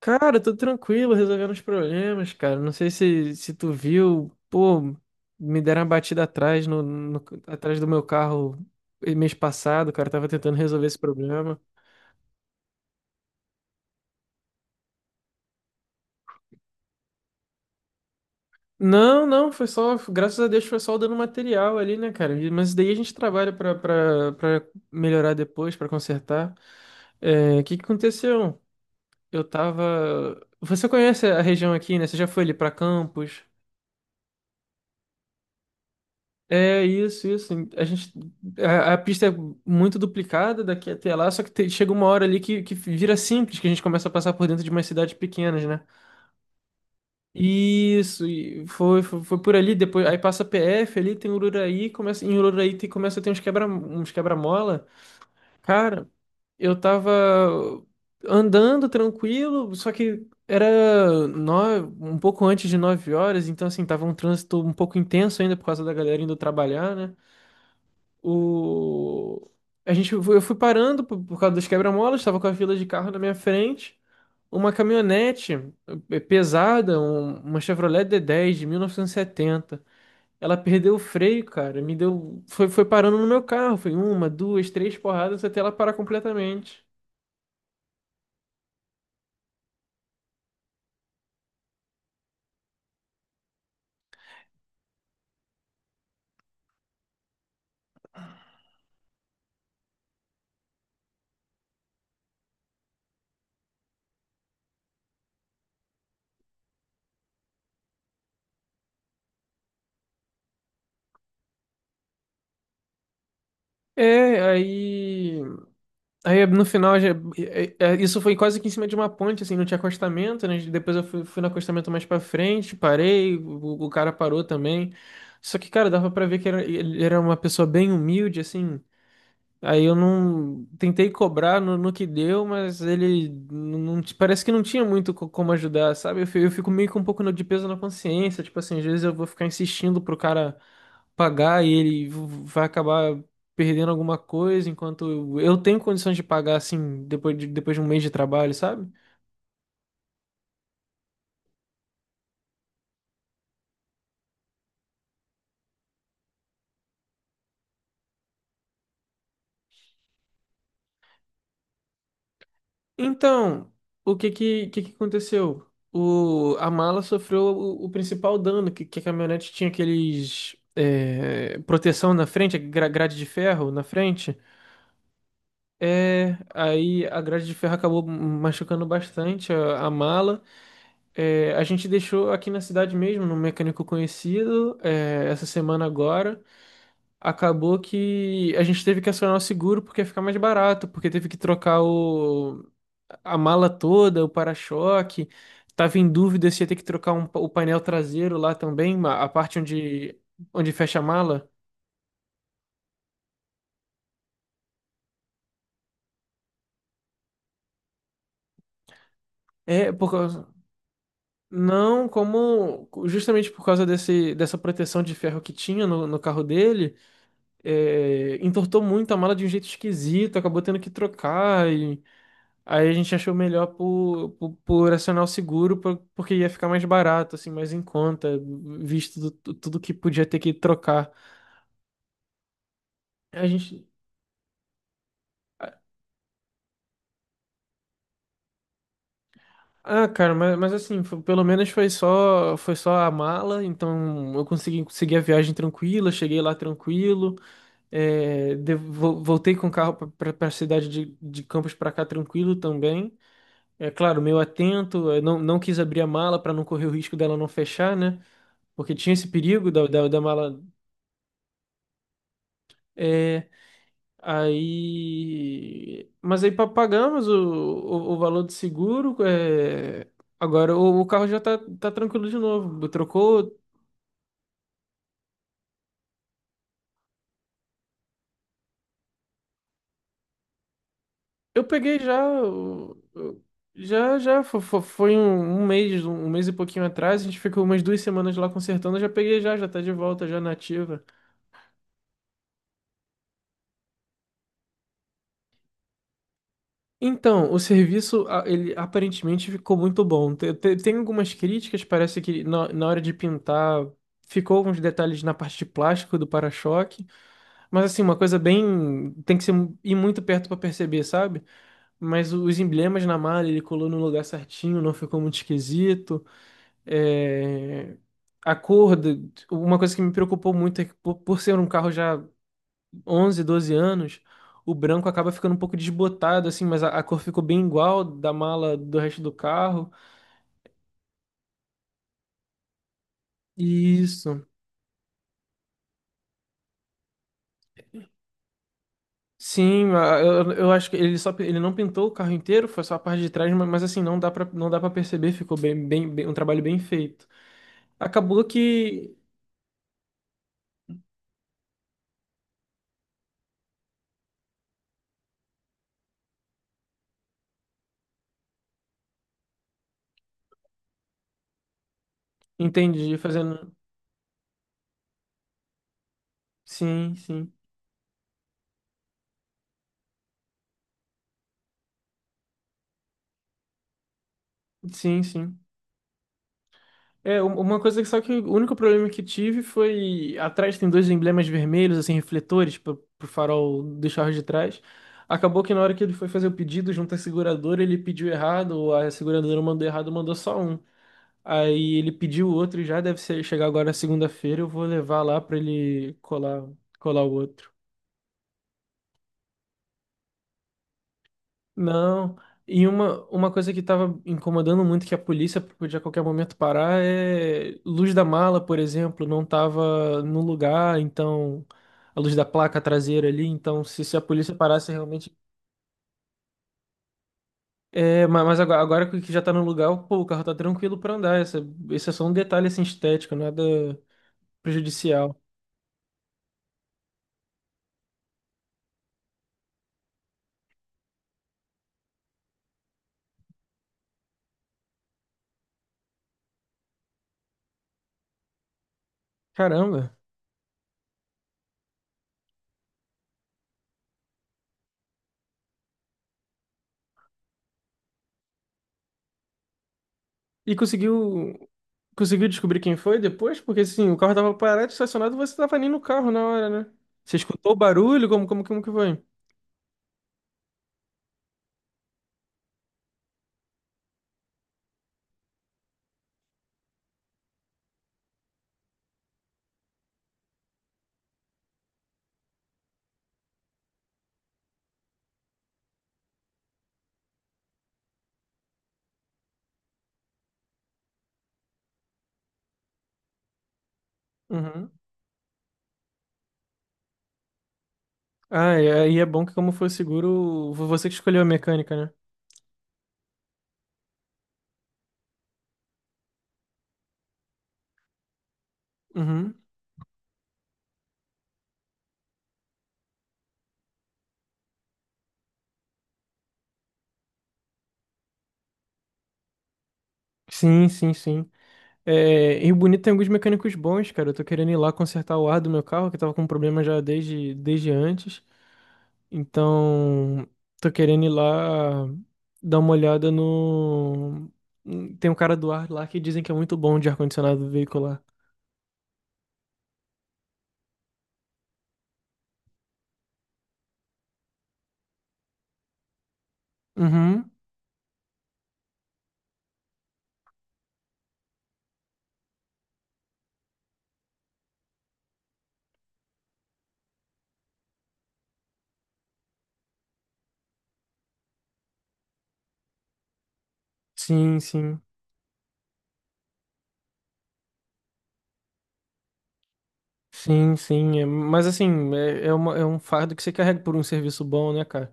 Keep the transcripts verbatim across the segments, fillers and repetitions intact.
Cara, tô tranquilo, resolvendo os problemas, cara. Não sei se, se tu viu, pô, me deram uma batida atrás no, no- atrás do meu carro mês passado, cara. Tava tentando resolver esse problema. Não, não, foi só, graças a Deus foi só dando material ali, né, cara? Mas isso daí a gente trabalha pra, pra, pra melhorar depois, pra consertar. É, o que, que aconteceu? Eu tava. Você conhece a região aqui, né? Você já foi ali pra Campos? É isso, isso. A gente, a, a pista é muito duplicada daqui até lá, só que te- chega uma hora ali que, que vira simples, que a gente começa a passar por dentro de umas cidades pequenas, né? Isso, e foi, foi, foi por ali, depois aí passa P F ali, tem Ururaí, começa, em Ururaí tem, começa a ter uns quebra, uns quebra-mola. Cara, eu tava andando tranquilo, só que era nove, um pouco antes de nove horas, então assim, tava um trânsito um pouco intenso ainda por causa da galera indo trabalhar, né? O... A gente, eu fui parando por, por causa dos quebra-molas, estava com a fila de carro na minha frente. Uma caminhonete eh, pesada, um- uma Chevrolet dê dez de mil novecentos e setenta. Ela perdeu o freio, cara. Me deu. Foi, foi parando no meu carro. Foi uma, duas, três porradas até ela parar completamente. É, aí. Aí no final, já- é- é- isso foi quase que em cima de uma ponte, assim, não tinha acostamento, né? Depois eu fui, fui no acostamento mais pra frente, parei, o, o cara parou também. Só que, cara, dava pra ver que era- ele era uma pessoa bem humilde, assim. Aí eu não tentei cobrar no, no que deu, mas ele não, não- parece que não tinha muito co- como ajudar, sabe? Eu, fi- eu fico meio com um pouco no- de peso na consciência, tipo assim, às vezes eu vou ficar insistindo pro cara pagar e ele vai acabar perdendo alguma coisa enquanto eu, eu tenho condições de pagar assim depois de, depois de um mês de trabalho, sabe? Então, o que que, que, que aconteceu? O, a mala sofreu o, o principal dano, que, que a caminhonete tinha aqueles é, proteção na frente, gra- grade de ferro na frente. É, aí a grade de ferro acabou machucando bastante a a mala. É, a gente deixou aqui na cidade mesmo, num mecânico conhecido, é, essa semana agora. Acabou que a gente teve que acionar o seguro porque ia ficar mais barato, porque teve que trocar o, a mala toda, o para-choque. Tava em dúvida se ia ter que trocar um pa- o painel traseiro lá também, ma- a parte onde, onde fecha a mala. É, por causa. Não, como justamente por causa desse, dessa proteção de ferro que tinha no, no carro dele, é, entortou muito a mala de um jeito esquisito, acabou tendo que trocar. Aí a gente achou melhor por, por, por acionar o seguro, por- porque ia ficar mais barato, assim, mais em conta, visto do- tu- tudo que podia ter que trocar. A gente. Ah, cara, mas, mas assim, foi- pelo menos foi só, foi só a mala, então eu consegui seguir a viagem tranquila, cheguei lá tranquilo, é, de- vo- voltei com o carro para a cidade de, de Campos para cá tranquilo também. É claro, meio atento, eu não, não quis abrir a mala para não correr o risco dela não fechar, né? Porque tinha esse perigo da, da, da mala. É, aí. Mas aí pa- pagamos o, o, o valor do seguro. é, Agora o, o carro já tá, tá tranquilo de novo. Trocou. Eu peguei já. o- o- Já, já fo- fo- foi, um, um mês, um um mês e pouquinho atrás. A gente ficou umas duas semanas lá consertando. Eu já peguei já, já tá de volta, já nativa. Então, o serviço, a- ele aparentemente ficou muito bom. Te- te- Tem algumas críticas, parece que na, na hora de pintar ficou alguns detalhes na parte de plástico do para-choque. Mas assim, uma coisa bem. Tem que ser, ir muito perto pra perceber, sabe? Mas o- os emblemas na malha, ele colou no lugar certinho, não ficou muito esquisito. É, A cor, do- uma coisa que me preocupou muito é que por, por ser um carro já onze doze anos, o branco acaba ficando um pouco desbotado, assim, mas a, a cor ficou bem igual da mala do resto do carro. Isso. Sim, a- eu, eu acho que ele só ele não pintou o carro inteiro, foi só a parte de trás, mas, mas assim, não dá pra, não dá para perceber, ficou bem, bem, bem- um trabalho bem feito. Acabou que, entendi, fazendo. Sim, sim. Sim, sim. É, um- uma coisa que só que o único problema que tive foi. Atrás tem dois emblemas vermelhos, assim, refletores, pro, pro farol dos carros de trás. Acabou que na hora que ele foi fazer o pedido junto à seguradora, ele pediu errado, ou a seguradora mandou errado, mandou só um. Aí ele pediu o outro, e já deve ser, chegar agora segunda-feira, eu vou levar lá pra ele colar, colar o outro. Não. E uma, uma coisa que tava incomodando muito que a polícia podia a qualquer momento parar é luz da mala, por exemplo, não tava no lugar, então a luz da placa traseira ali, então se, se a polícia parasse realmente. É, ma- mas agora, agora que já tá no lugar, pô, o carro tá tranquilo pra andar. Essa, esse é só um detalhe assim estético, nada prejudicial. Caramba. E conseguiu. Conseguiu descobrir quem foi depois? Porque assim, o carro tava parado, estacionado, você tava nem no carro na hora, né? Você escutou o barulho? Como, como, como que foi? Uhum. Ah, e aí é bom que como foi seguro, foi você que escolheu a mecânica, né? Uhum. Sim, sim, sim. É, e o Bonito tem alguns mecânicos bons, cara. Eu tô querendo ir lá consertar o ar do meu carro, que tava com um problema já desde, desde antes. Então, tô querendo ir lá dar uma olhada no. Tem um cara do ar lá que dizem que é muito bom de ar-condicionado veicular. Uhum. Sim, sim. Sim, sim. é- Mas assim, é, é, uma- é um fardo que você carrega por um serviço bom, né, cara?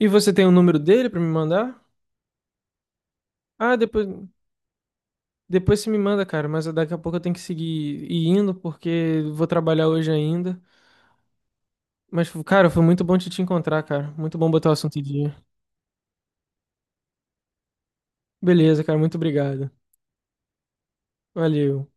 E você tem o número dele pra me mandar? Ah, depois, depois você me manda, cara. Mas daqui a pouco eu tenho que seguir ir indo, porque vou trabalhar hoje ainda. Mas, cara, foi muito bom te, te encontrar, cara. Muito bom botar o assunto em dia. Beleza, cara. Muito obrigado. Valeu.